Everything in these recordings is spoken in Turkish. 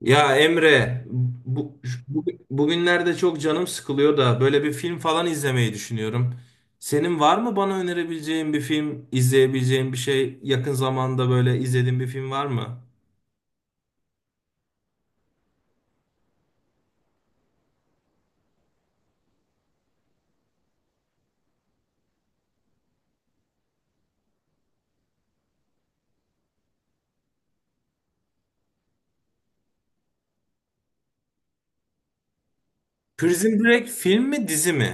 Ya Emre, bugünlerde çok canım sıkılıyor da böyle bir film falan izlemeyi düşünüyorum. Senin var mı bana önerebileceğin bir film, izleyebileceğin bir şey, yakın zamanda böyle izlediğin bir film var mı? Prison Break film mi dizi mi?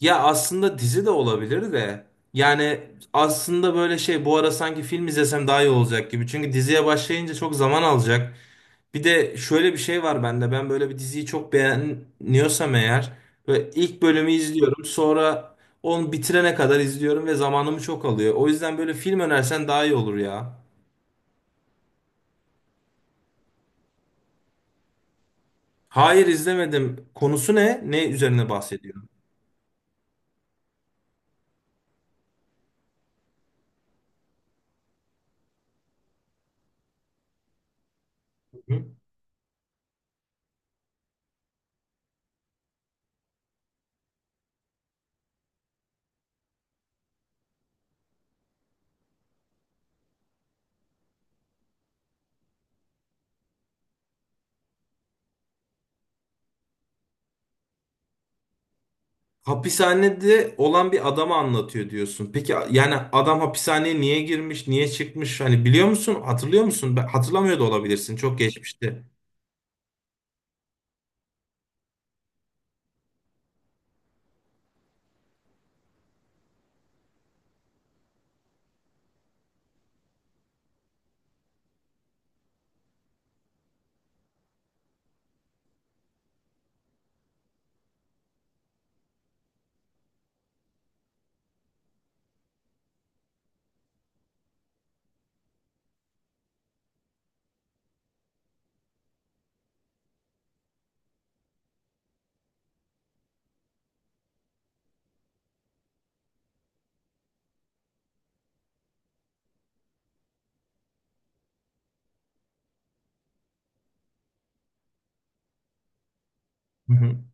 Ya aslında dizi de olabilir de. Yani aslında böyle şey bu ara sanki film izlesem daha iyi olacak gibi. Çünkü diziye başlayınca çok zaman alacak. Bir de şöyle bir şey var bende. Ben böyle bir diziyi çok beğeniyorsam eğer ve ilk bölümü izliyorum. Sonra onu bitirene kadar izliyorum ve zamanımı çok alıyor. O yüzden böyle film önersen daha iyi olur ya. Hayır, izlemedim. Konusu ne? Ne üzerine bahsediyor? Hı? Hapishanede olan bir adamı anlatıyor diyorsun. Peki yani adam hapishaneye niye girmiş, niye çıkmış? Hani biliyor musun? Hatırlıyor musun? Hatırlamıyor da olabilirsin. Çok geçmişti. Hı hı.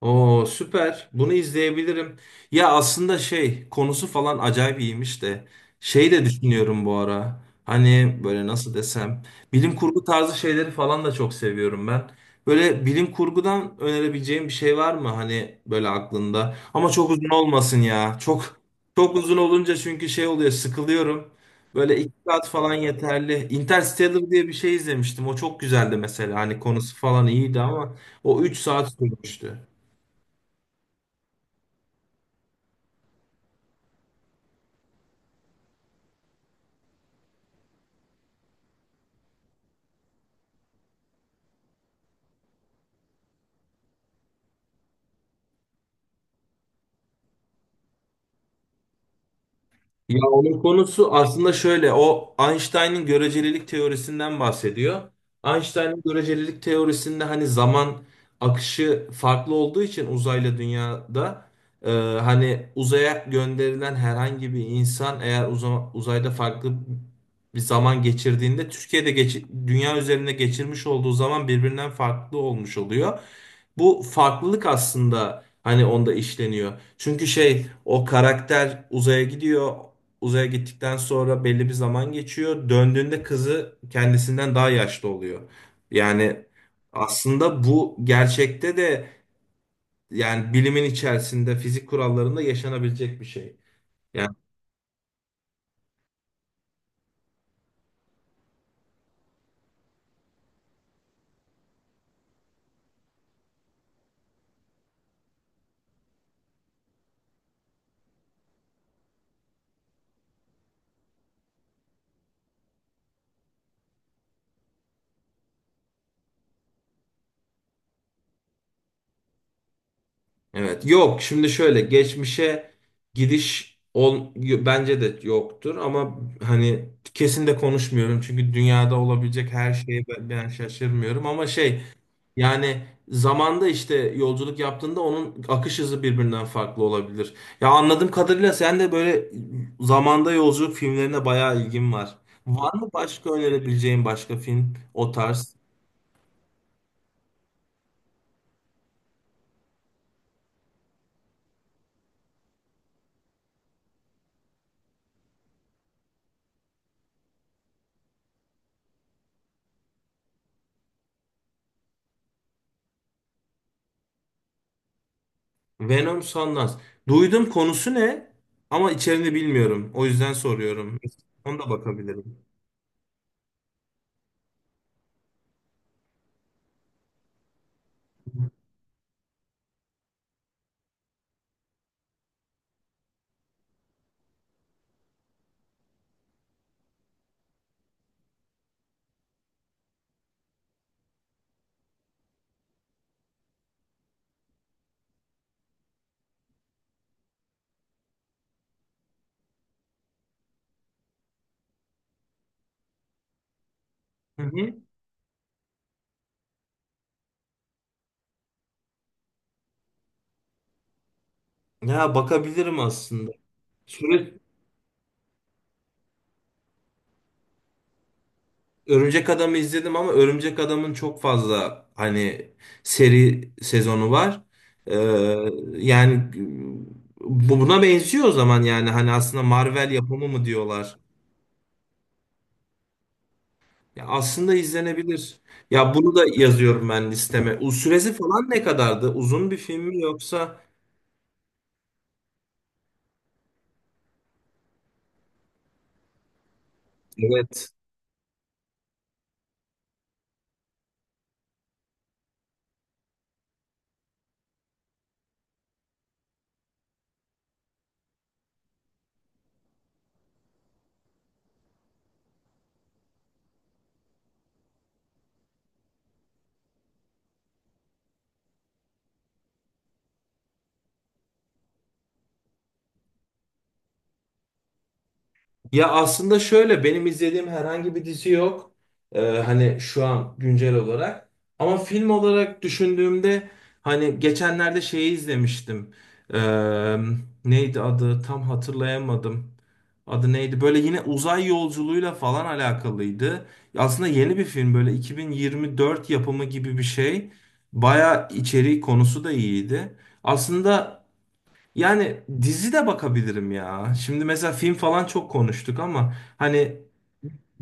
Oo, süper. Bunu izleyebilirim. Ya aslında şey konusu falan acayip iyiymiş de şey de düşünüyorum bu ara. Hani böyle nasıl desem, bilim kurgu tarzı şeyleri falan da çok seviyorum ben. Böyle bilim kurgudan önerebileceğim bir şey var mı hani böyle aklında? Ama çok uzun olmasın ya. Çok uzun olunca çünkü şey oluyor, sıkılıyorum. Böyle iki saat falan yeterli. Interstellar diye bir şey izlemiştim. O çok güzeldi mesela. Hani konusu falan iyiydi ama o üç saat sürmüştü. Ya onun konusu aslında şöyle, o Einstein'ın görecelilik teorisinden bahsediyor. Einstein'ın görecelilik teorisinde hani zaman akışı farklı olduğu için uzayla dünyada e, hani uzaya gönderilen herhangi bir insan eğer uzayda farklı bir zaman geçirdiğinde Türkiye'de dünya üzerinde geçirmiş olduğu zaman birbirinden farklı olmuş oluyor. Bu farklılık aslında hani onda işleniyor. Çünkü şey o karakter uzaya gidiyor, uzaya gittikten sonra belli bir zaman geçiyor. Döndüğünde kızı kendisinden daha yaşlı oluyor. Yani aslında bu gerçekte de yani bilimin içerisinde fizik kurallarında yaşanabilecek bir şey. Yani evet, yok şimdi şöyle geçmişe gidiş ol, bence de yoktur ama hani kesin de konuşmuyorum çünkü dünyada olabilecek her şeye ben şaşırmıyorum ama şey. Yani zamanda işte yolculuk yaptığında onun akış hızı birbirinden farklı olabilir. Ya anladığım kadarıyla sen de böyle zamanda yolculuk filmlerine bayağı ilgin var. Var mı başka önerebileceğin başka film o tarz? Venom Sundance. Duydum, konusu ne ama içeriğini bilmiyorum. O yüzden soruyorum. Ona da bakabilirim. Hı hı. Ya bakabilirim aslında. Süre, Örümcek Adam'ı izledim ama Örümcek Adam'ın çok fazla hani seri sezonu var. Ee, yani bu buna benziyor o zaman, yani hani aslında Marvel yapımı mı diyorlar. Ya aslında izlenebilir. Ya bunu da yazıyorum ben listeme. U süresi falan ne kadardı? Uzun bir film mi yoksa? Evet. Ya aslında şöyle benim izlediğim herhangi bir dizi yok. Hani şu an güncel olarak. Ama film olarak düşündüğümde hani geçenlerde şeyi izlemiştim. Ee, neydi adı? Tam hatırlayamadım. Adı neydi? Böyle yine uzay yolculuğuyla falan alakalıydı. Aslında yeni bir film, böyle 2024 yapımı gibi bir şey. Baya içeriği konusu da iyiydi. Aslında yani dizi de bakabilirim ya. Şimdi mesela film falan çok konuştuk ama hani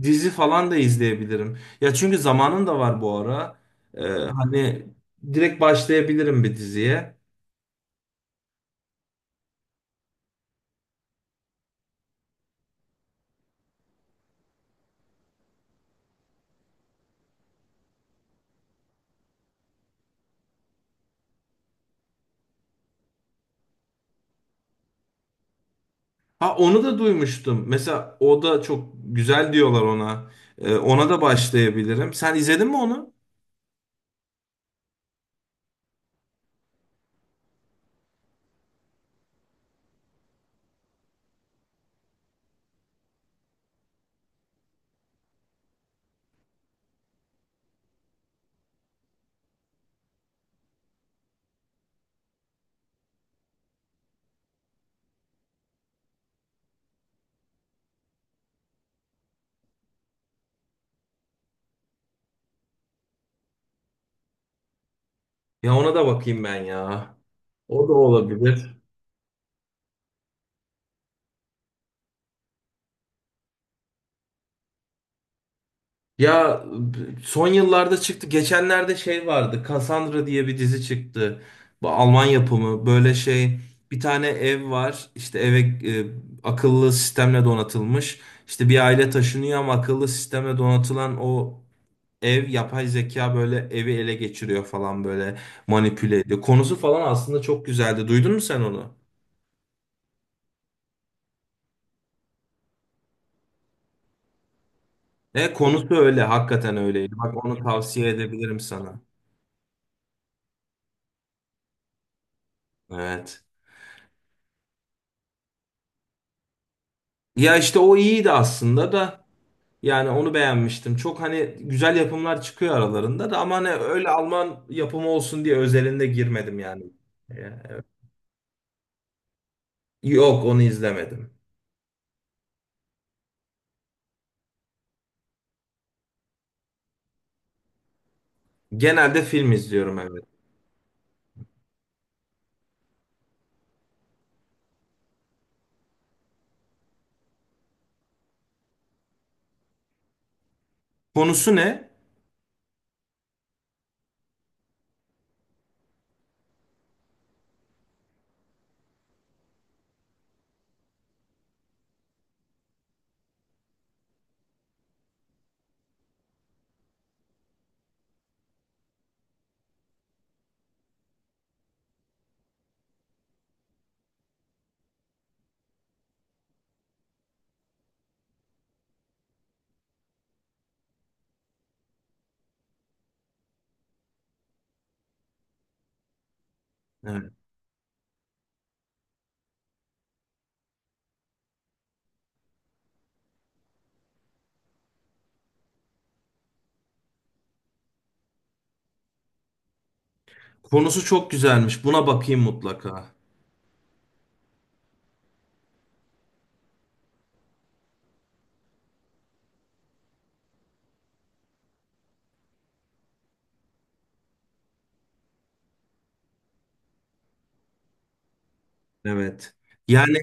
dizi falan da izleyebilirim. Ya çünkü zamanım da var bu ara. Hani direkt başlayabilirim bir diziye. Ha, onu da duymuştum. Mesela o da çok güzel diyorlar ona. Ona da başlayabilirim. Sen izledin mi onu? Ya ona da bakayım ben ya. O da olabilir. Son yıllarda çıktı. Geçenlerde şey vardı. Cassandra diye bir dizi çıktı. Bu Alman yapımı. Böyle şey, bir tane ev var. İşte eve akıllı sistemle donatılmış. İşte bir aile taşınıyor ama akıllı sistemle donatılan o ev, yapay zeka böyle evi ele geçiriyor falan, böyle manipüle ediyor. Konusu falan aslında çok güzeldi. Duydun mu sen onu? E konusu öyle. Hakikaten öyleydi. Bak, onu tavsiye edebilirim sana. Evet. Ya işte o iyiydi aslında da. Yani onu beğenmiştim. Çok hani güzel yapımlar çıkıyor aralarında da ama hani öyle Alman yapımı olsun diye özelinde girmedim yani. Ya, evet. Yok, onu izlemedim. Genelde film izliyorum, evet. Konusu ne? Evet. Konusu çok güzelmiş. Buna bakayım mutlaka. Evet. Yani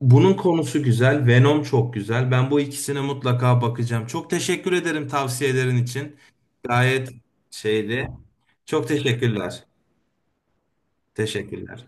bunun konusu güzel. Venom çok güzel. Ben bu ikisine mutlaka bakacağım. Çok teşekkür ederim tavsiyelerin için. Gayet şeydi. Çok teşekkürler. Teşekkürler.